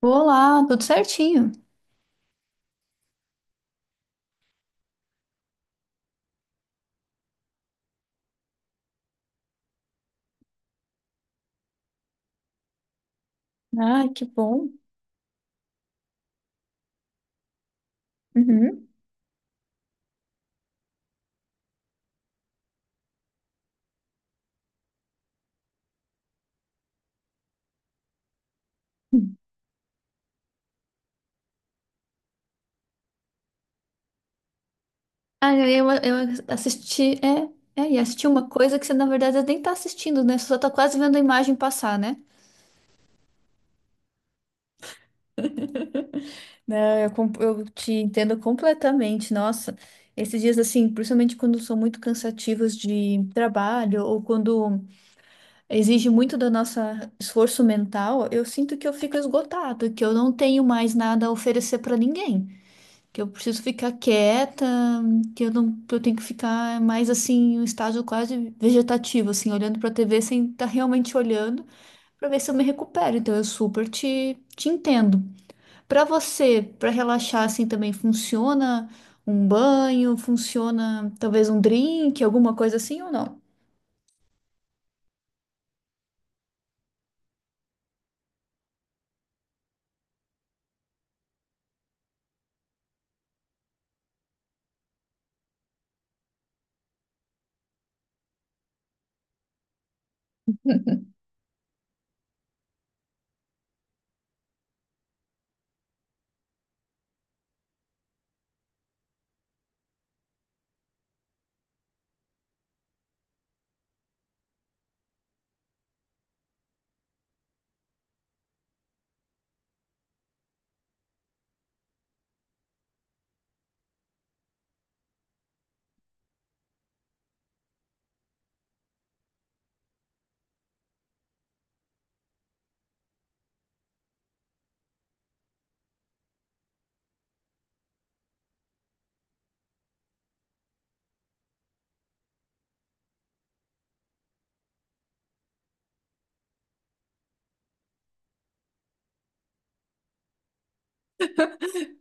Olá, tudo certinho. Ai, que bom. Uhum. Ah, eu assisti, assisti uma coisa que você, na verdade, nem tá assistindo, né? Você só tá quase vendo a imagem passar, né? Não, eu te entendo completamente. Nossa, esses dias, assim, principalmente quando são muito cansativos de trabalho ou quando exige muito do nosso esforço mental, eu sinto que eu fico esgotado, que eu não tenho mais nada a oferecer para ninguém. Que eu preciso ficar quieta, que eu não, que eu tenho que ficar mais assim, em um estágio quase vegetativo, assim, olhando para a TV sem estar realmente olhando, para ver se eu me recupero. Então eu super te entendo. Para você, para relaxar assim também funciona um banho, funciona talvez um drink, alguma coisa assim ou não?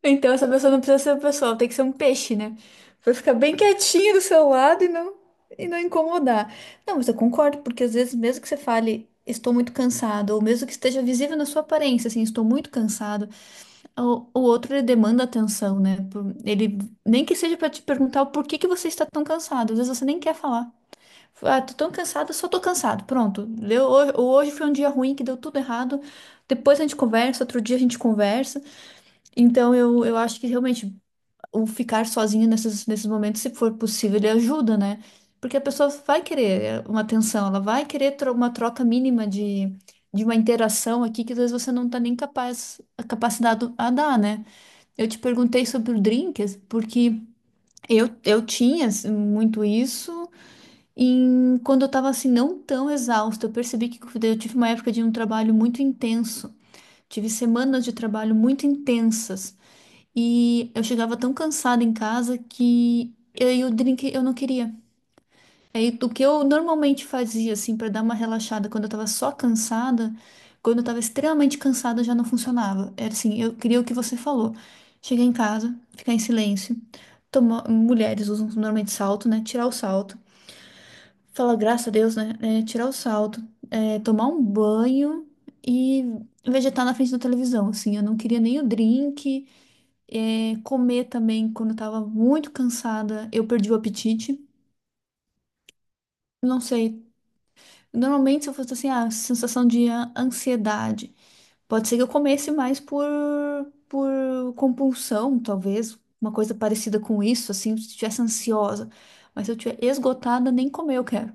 Então essa pessoa não precisa ser uma pessoa, ela tem que ser um peixe, né? Vai ficar bem quietinho do seu lado e não incomodar. Não, mas eu concordo, porque às vezes, mesmo que você fale, estou muito cansado, ou mesmo que esteja visível na sua aparência, assim, estou muito cansado, o outro ele demanda atenção, né? Por- ele, nem que seja para te perguntar o porquê que você está tão cansado, às vezes você nem quer falar. Ah, tô tão cansado, só tô cansado. Pronto. Deu, hoje foi um dia ruim que deu tudo errado. Depois a gente conversa, outro dia a gente conversa. Então, eu acho que realmente o ficar sozinho nesses, nesses momentos, se for possível, ele ajuda, né? Porque a pessoa vai querer é, uma atenção, ela vai querer uma troca mínima de uma interação aqui que às vezes você não está nem capaz, capacitado a dar, né? Eu te perguntei sobre o drinks, porque eu tinha assim, muito isso. E quando eu estava assim, não tão exausta, eu percebi que eu tive uma época de um trabalho muito intenso. Tive semanas de trabalho muito intensas. E eu chegava tão cansada em casa que eu, e o drink eu não queria. Aí o que eu normalmente fazia assim para dar uma relaxada quando eu tava só cansada, quando eu tava extremamente cansada já não funcionava. Era assim, eu queria o que você falou. Chegar em casa, ficar em silêncio, tomar, mulheres usam normalmente salto, né? Tirar o salto. Falar graças a Deus, né? É, tirar o salto, é, tomar um banho e vegetar na frente da televisão, assim. Eu não queria nem o drink. É, comer também quando eu tava muito cansada, eu perdi o apetite. Não sei. Normalmente, se eu fosse assim, a sensação de ansiedade, pode ser que eu comesse mais por compulsão, talvez, uma coisa parecida com isso, assim, se eu estivesse ansiosa. Mas se eu estiver esgotada, nem comer eu quero.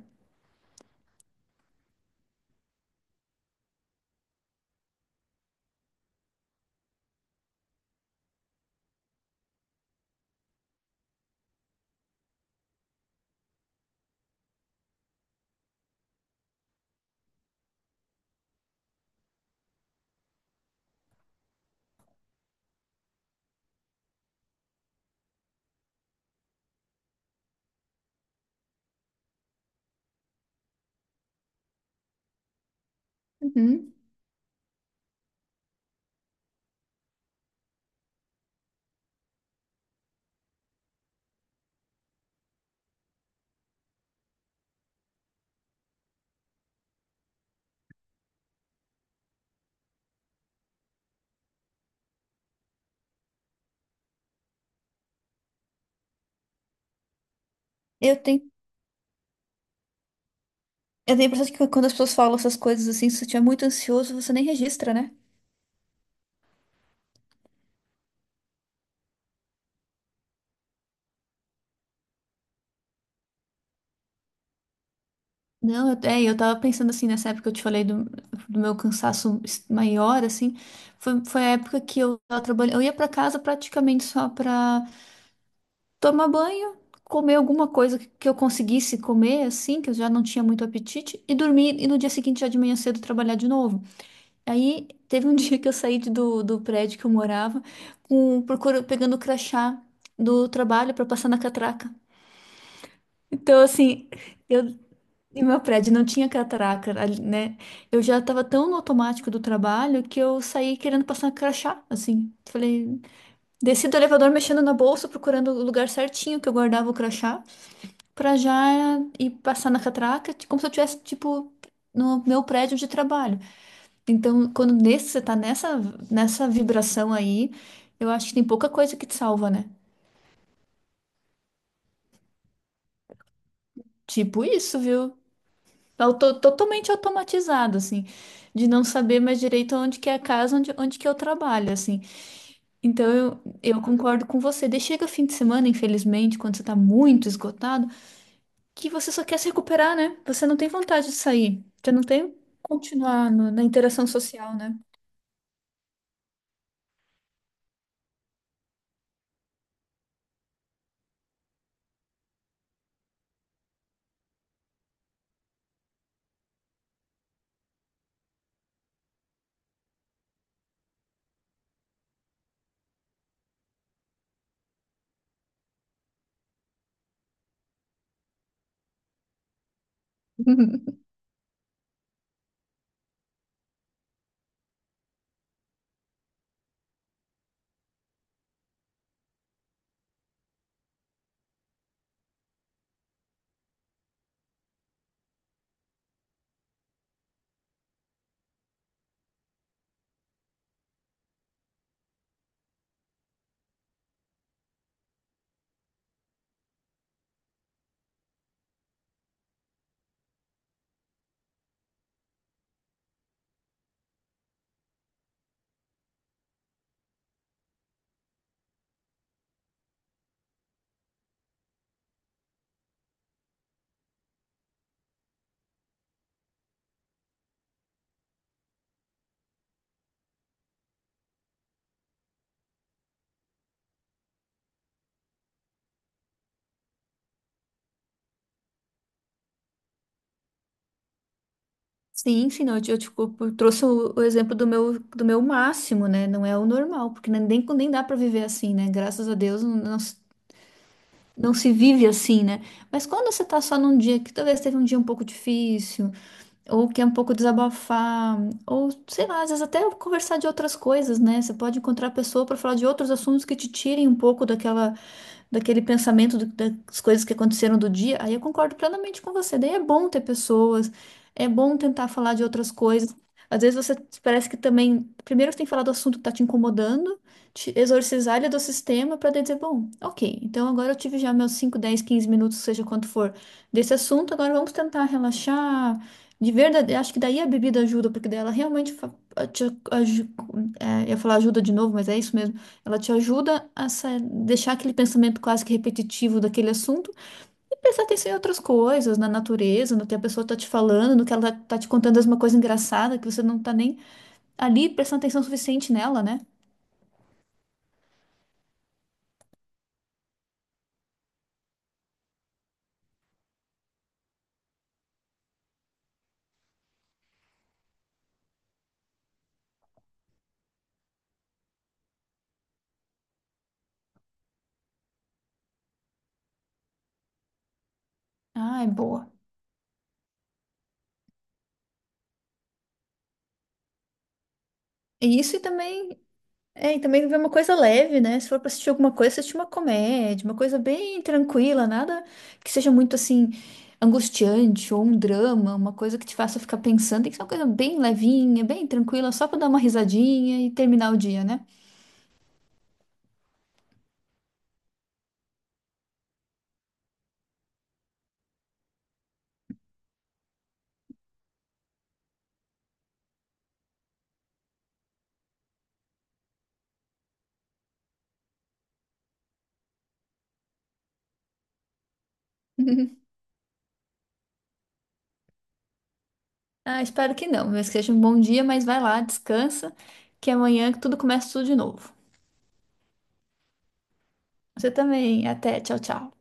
Uhum. Eu tenho, eu tenho a impressão de que quando as pessoas falam essas coisas assim, se você estiver muito ansioso, você nem registra, né? Não, eu, é, eu tava pensando assim, nessa época que eu te falei do, do meu cansaço maior, assim, foi a época que eu tava trabalhando, eu ia pra casa praticamente só pra tomar banho, comer alguma coisa que eu conseguisse comer, assim, que eu já não tinha muito apetite, e dormir, e no dia seguinte, já de manhã cedo, trabalhar de novo. Aí, teve um dia que eu do prédio que eu morava, com, procura, pegando o crachá do trabalho pra passar na catraca. Então, assim, eu e meu prédio não tinha catraca, ali, né? Eu já tava tão no automático do trabalho que eu saí querendo passar crachá, assim. Falei, desci do elevador mexendo na bolsa, procurando o lugar certinho que eu guardava o crachá, pra já ir passar na catraca, como se eu tivesse, tipo, no meu prédio de trabalho. Então, quando nesse, você tá nessa, nessa vibração aí, eu acho que tem pouca coisa que te salva, né? Tipo isso, viu? Totalmente automatizado, assim, de não saber mais direito onde que é a casa, onde que eu trabalho, assim. Então eu concordo com você. Daí chega fim de semana, infelizmente, quando você tá muito esgotado, que você só quer se recuperar, né? Você não tem vontade de sair, você não tem continuar na interação social, né? Sim, sim, não, eu trouxe o exemplo do meu máximo, né? Não é o normal, porque nem, nem dá para viver assim, né? Graças a Deus, não, não se vive assim, né? Mas quando você tá só num dia que talvez teve um dia um pouco difícil, ou quer um pouco desabafar, ou sei lá, às vezes até conversar de outras coisas, né? Você pode encontrar a pessoa para falar de outros assuntos que te tirem um pouco daquela, daquele pensamento das coisas que aconteceram do dia. Aí eu concordo plenamente com você. Daí é bom ter pessoas, é bom tentar falar de outras coisas. Às vezes você parece que também, primeiro você tem que falar do assunto que está te incomodando, te exorcizar ele do sistema para dizer, bom, ok, então agora eu tive já meus 5, 10, 15 minutos, seja quanto for, desse assunto, agora vamos tentar relaxar, de verdade, acho que daí a bebida ajuda, porque daí ela realmente aju- eu ia falar ajuda de novo, mas é isso mesmo. Ela te ajuda a deixar aquele pensamento quase que repetitivo daquele assunto e prestar atenção em outras coisas, na natureza, no que a pessoa tá te falando, no que ela tá te contando alguma coisa engraçada que você não tá nem ali prestando atenção suficiente nela, né? Ah, é boa. E isso e também É, e também ver uma coisa leve, né? Se for pra assistir alguma coisa, assistir uma comédia, uma coisa bem tranquila, nada que seja muito assim angustiante ou um drama, uma coisa que te faça ficar pensando. Tem que ser uma coisa bem levinha, bem tranquila, só pra dar uma risadinha e terminar o dia, né? Ah, espero que não, mas que seja um bom dia, mas vai lá, descansa, que amanhã tudo começa tudo de novo. Você também. Até, tchau, tchau.